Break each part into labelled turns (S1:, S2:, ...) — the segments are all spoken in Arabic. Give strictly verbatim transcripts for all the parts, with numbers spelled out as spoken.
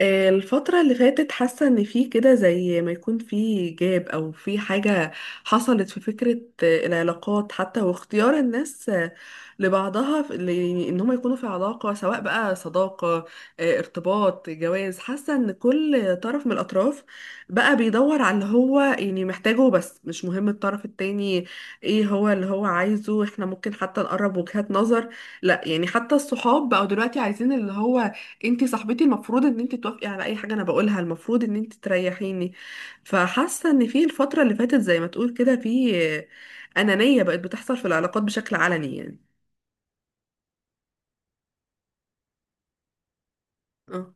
S1: آه، الفترة اللي فاتت حاسة ان في كده زي ما يكون في جاب او في حاجة حصلت في فكرة، آه، العلاقات حتى واختيار الناس، آه، لبعضها في- ل- يعني ان هم يكونوا في علاقة سواء بقى صداقة، آه، ارتباط جواز. حاسة ان كل طرف من الاطراف بقى بيدور على اللي هو يعني محتاجه، بس مش مهم الطرف التاني ايه هو اللي هو عايزه. احنا ممكن حتى نقرب وجهات نظر، لا يعني حتى الصحاب بقوا دلوقتي عايزين اللي هو انتي صاحبتي المفروض ان انتي توافقي على اي حاجه انا بقولها، المفروض ان انتي تريحيني. فحاسه ان في الفتره اللي فاتت زي ما تقول كده في انانيه بقت بتحصل في العلاقات بشكل علني يعني آه.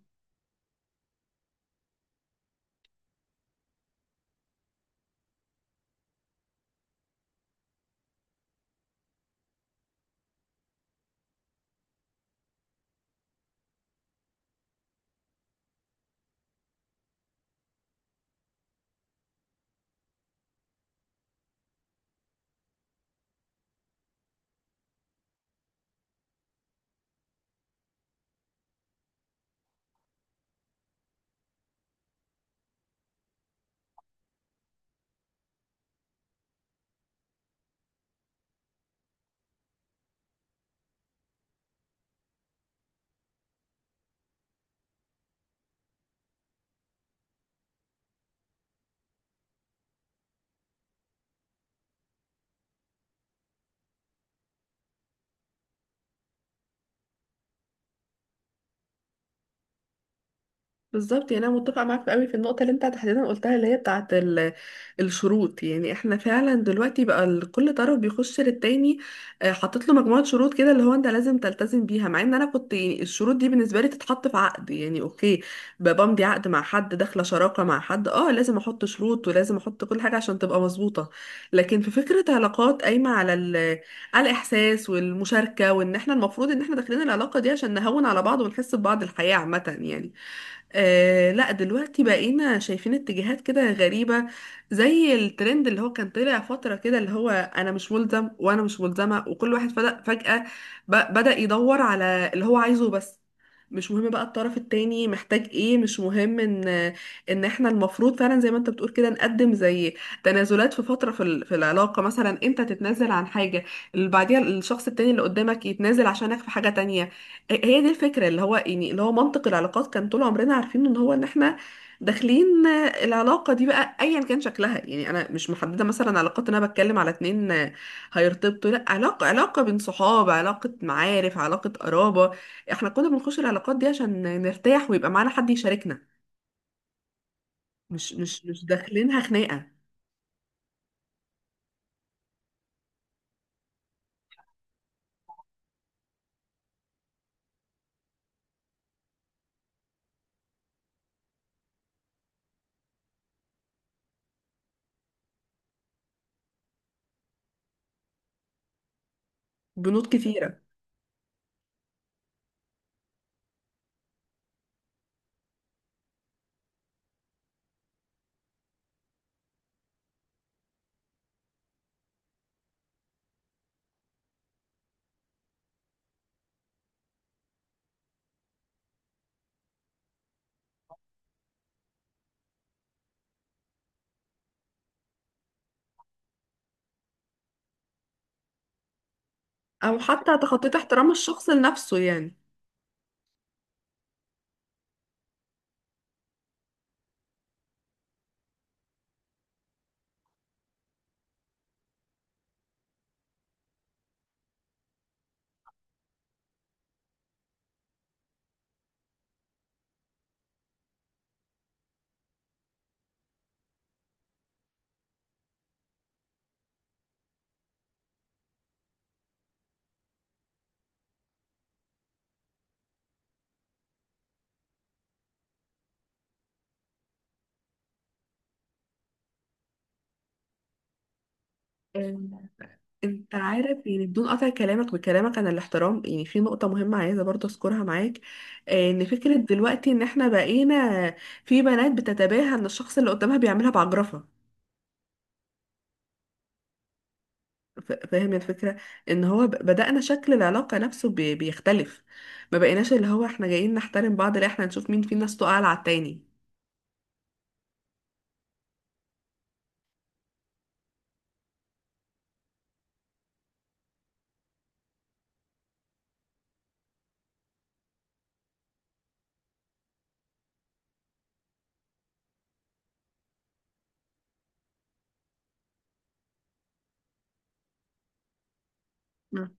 S1: بالظبط، يعني انا متفقه معاك قوي في النقطه اللي انت تحديدا قلتها اللي هي بتاعه ال- الشروط. يعني احنا فعلا دلوقتي بقى ال- كل طرف بيخش للتاني، آه، حاطط له مجموعه شروط كده اللي هو انت لازم تلتزم بيها، مع ان انا كنت يعني الشروط دي بالنسبه لي تتحط في عقد. يعني اوكي، ب- بمضي عقد مع حد، داخله شراكه مع حد، اه لازم احط شروط ولازم احط كل حاجه عشان تبقى مظبوطه. لكن في فكره علاقات قايمه على ال- على الاحساس والمشاركه، وان احنا المفروض ان احنا داخلين العلاقه دي عشان نهون على بعض ونحس ببعض الحياه عامه يعني. آه لا، دلوقتي بقينا شايفين اتجاهات كده غريبة، زي الترند اللي هو كان طلع فترة كده، اللي هو أنا مش ملزم وأنا مش ملزمة. وكل واحد فجأة, فجأة ب- بدأ يدور على اللي هو عايزه بس، مش مهم بقى الطرف التاني محتاج ايه. مش مهم ان ان احنا المفروض فعلا زي ما انت بتقول كده نقدم زي تنازلات في فترة في ال- في العلاقة. مثلا انت تتنازل عن حاجة اللي بعديها الشخص التاني اللي قدامك يتنازل عشانك في حاجة تانية. هي دي الفكرة اللي هو يعني اللي هو منطق العلاقات كان طول عمرنا عارفين ان هو ان احنا داخلين، آه، العلاقة دي بقى ايا كان شكلها. يعني انا مش محددة مثلا علاقات، إن انا بتكلم على اتنين، آه، هيرتبطوا، لا، علاقة علاقة بين صحاب، علاقة معارف، علاقة قرابة. احنا كنا بنخش العلاقات دي عشان نرتاح ويبقى معانا حد يشاركنا، مش مش مش داخلينها خناقة. بنود كتيرة. او حتى تخطيت احترام الشخص لنفسه يعني. انت عارف، يعني بدون قطع كلامك بكلامك عن الاحترام، يعني في نقطة مهمة عايزة برضه اذكرها معاك، آه، ان فكرة دلوقتي ان احنا بقينا في بنات بتتباهى ان الشخص اللي قدامها بيعملها بعجرفة. ف- فاهم الفكرة؟ ان هو ب- بدأنا شكل العلاقة نفسه بي- بيختلف. ما بقيناش اللي هو احنا جايين نحترم بعض، لا احنا نشوف مين فينا صوته اعلى على التاني. مم.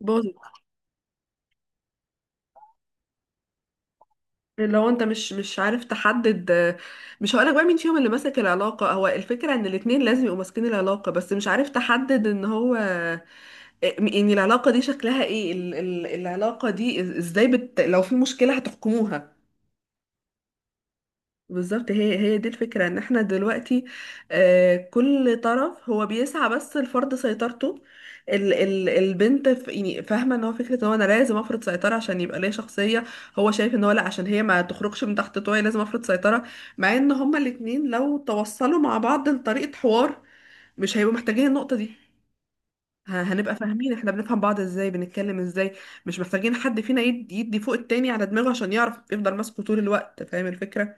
S1: باظت. لو انت مش مش عارف تحدد، آه، مش هقولك بقى مين فيهم اللي ماسك العلاقة، هو الفكرة ان الاتنين لازم يبقوا ماسكين العلاقة، بس مش عارف تحدد ان هو، آه، يعني العلاقة دي شكلها ايه، ال- ال- العلاقة دي إز- ازاي بت... لو في مشكلة هتحكموها. بالظبط، هي هي دي الفكرة ان احنا دلوقتي، آه، كل طرف هو بيسعى بس لفرض سيطرته. ال ال البنت ف- يعني فاهمة ان هو فكرة ان هو انا لازم افرض سيطرة عشان يبقى ليا شخصية. هو شايف ان هو لا، عشان هي ما تخرجش من تحت طوعي لازم افرض سيطرة. مع ان هما الاتنين لو توصلوا مع بعض لطريقة حوار مش هيبقوا محتاجين النقطة دي. ه- هنبقى فاهمين، احنا بنفهم بعض ازاي، بنتكلم ازاي. مش محتاجين حد فينا يدي, يدي فوق التاني على دماغه عشان يعرف يفضل ماسكه طول الوقت. فاهم الفكرة؟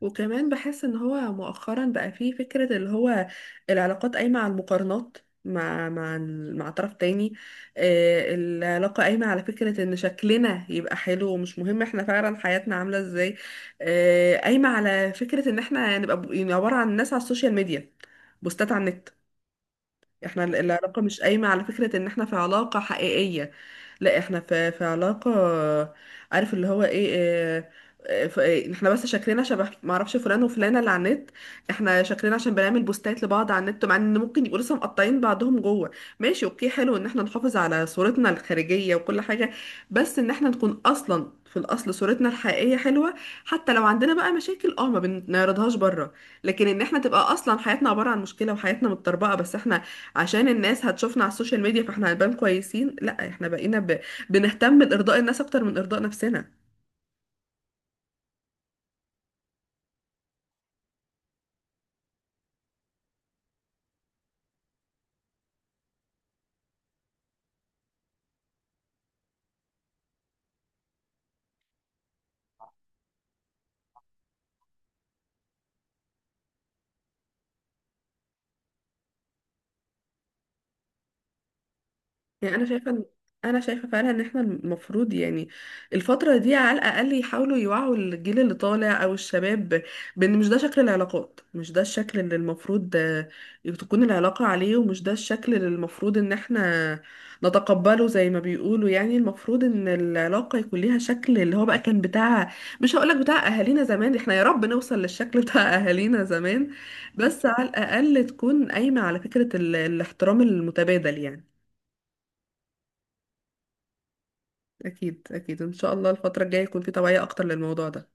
S1: وكمان بحس ان هو مؤخرا بقى فيه فكرة اللي هو العلاقات قايمة على المقارنات مع مع ال- مع طرف تاني. آه، العلاقة قايمة على فكرة ان شكلنا يبقى حلو ومش مهم احنا فعلا حياتنا عاملة ازاي. آه، قايمة على فكرة ان احنا نبقى ب- يعني عبارة عن ناس على السوشيال ميديا، بوستات على النت. احنا ال- العلاقة مش قايمة على فكرة ان احنا في علاقة حقيقية، لا احنا في في علاقة، عارف اللي هو ايه اه، اه، ف- اه، احنا بس شكلنا شبه معرفش فلان وفلانة اللي على النت. احنا شكلنا عشان بنعمل بوستات لبعض على النت، مع ان ممكن يبقوا لسه مقطعين بعضهم جوه. ماشي اوكي، حلو ان احنا نحافظ على صورتنا الخارجية وكل حاجة، بس ان احنا نكون اصلا في الاصل صورتنا الحقيقية حلوة. حتى لو عندنا بقى مشاكل اه ما بنعرضهاش بره، لكن ان احنا تبقى اصلا حياتنا عبارة عن مشكلة وحياتنا متطربقة، بس احنا عشان الناس هتشوفنا على السوشيال ميديا فاحنا هنبان كويسين، لا احنا بقينا ب... بنهتم بارضاء الناس اكتر من ارضاء نفسنا. يعني انا شايفه إن- انا شايفه فعلا ان احنا المفروض يعني الفتره دي على الاقل يحاولوا يوعوا الجيل اللي طالع او الشباب، بان مش ده شكل العلاقات، مش ده الشكل اللي المفروض آه، تكون العلاقه عليه، ومش ده الشكل اللي المفروض ان احنا نتقبله زي ما بيقولوا. يعني المفروض ان العلاقه يكون ليها شكل اللي هو بقى كان بتاع، مش هقولك بتاع اهالينا زمان، احنا يا رب نوصل للشكل بتاع اهالينا زمان. بس على الاقل تكون قايمه على فكره ال- الاحترام المتبادل يعني. اكيد اكيد ان شاء الله الفتره الجايه يكون في توعيه اكتر للموضوع ده.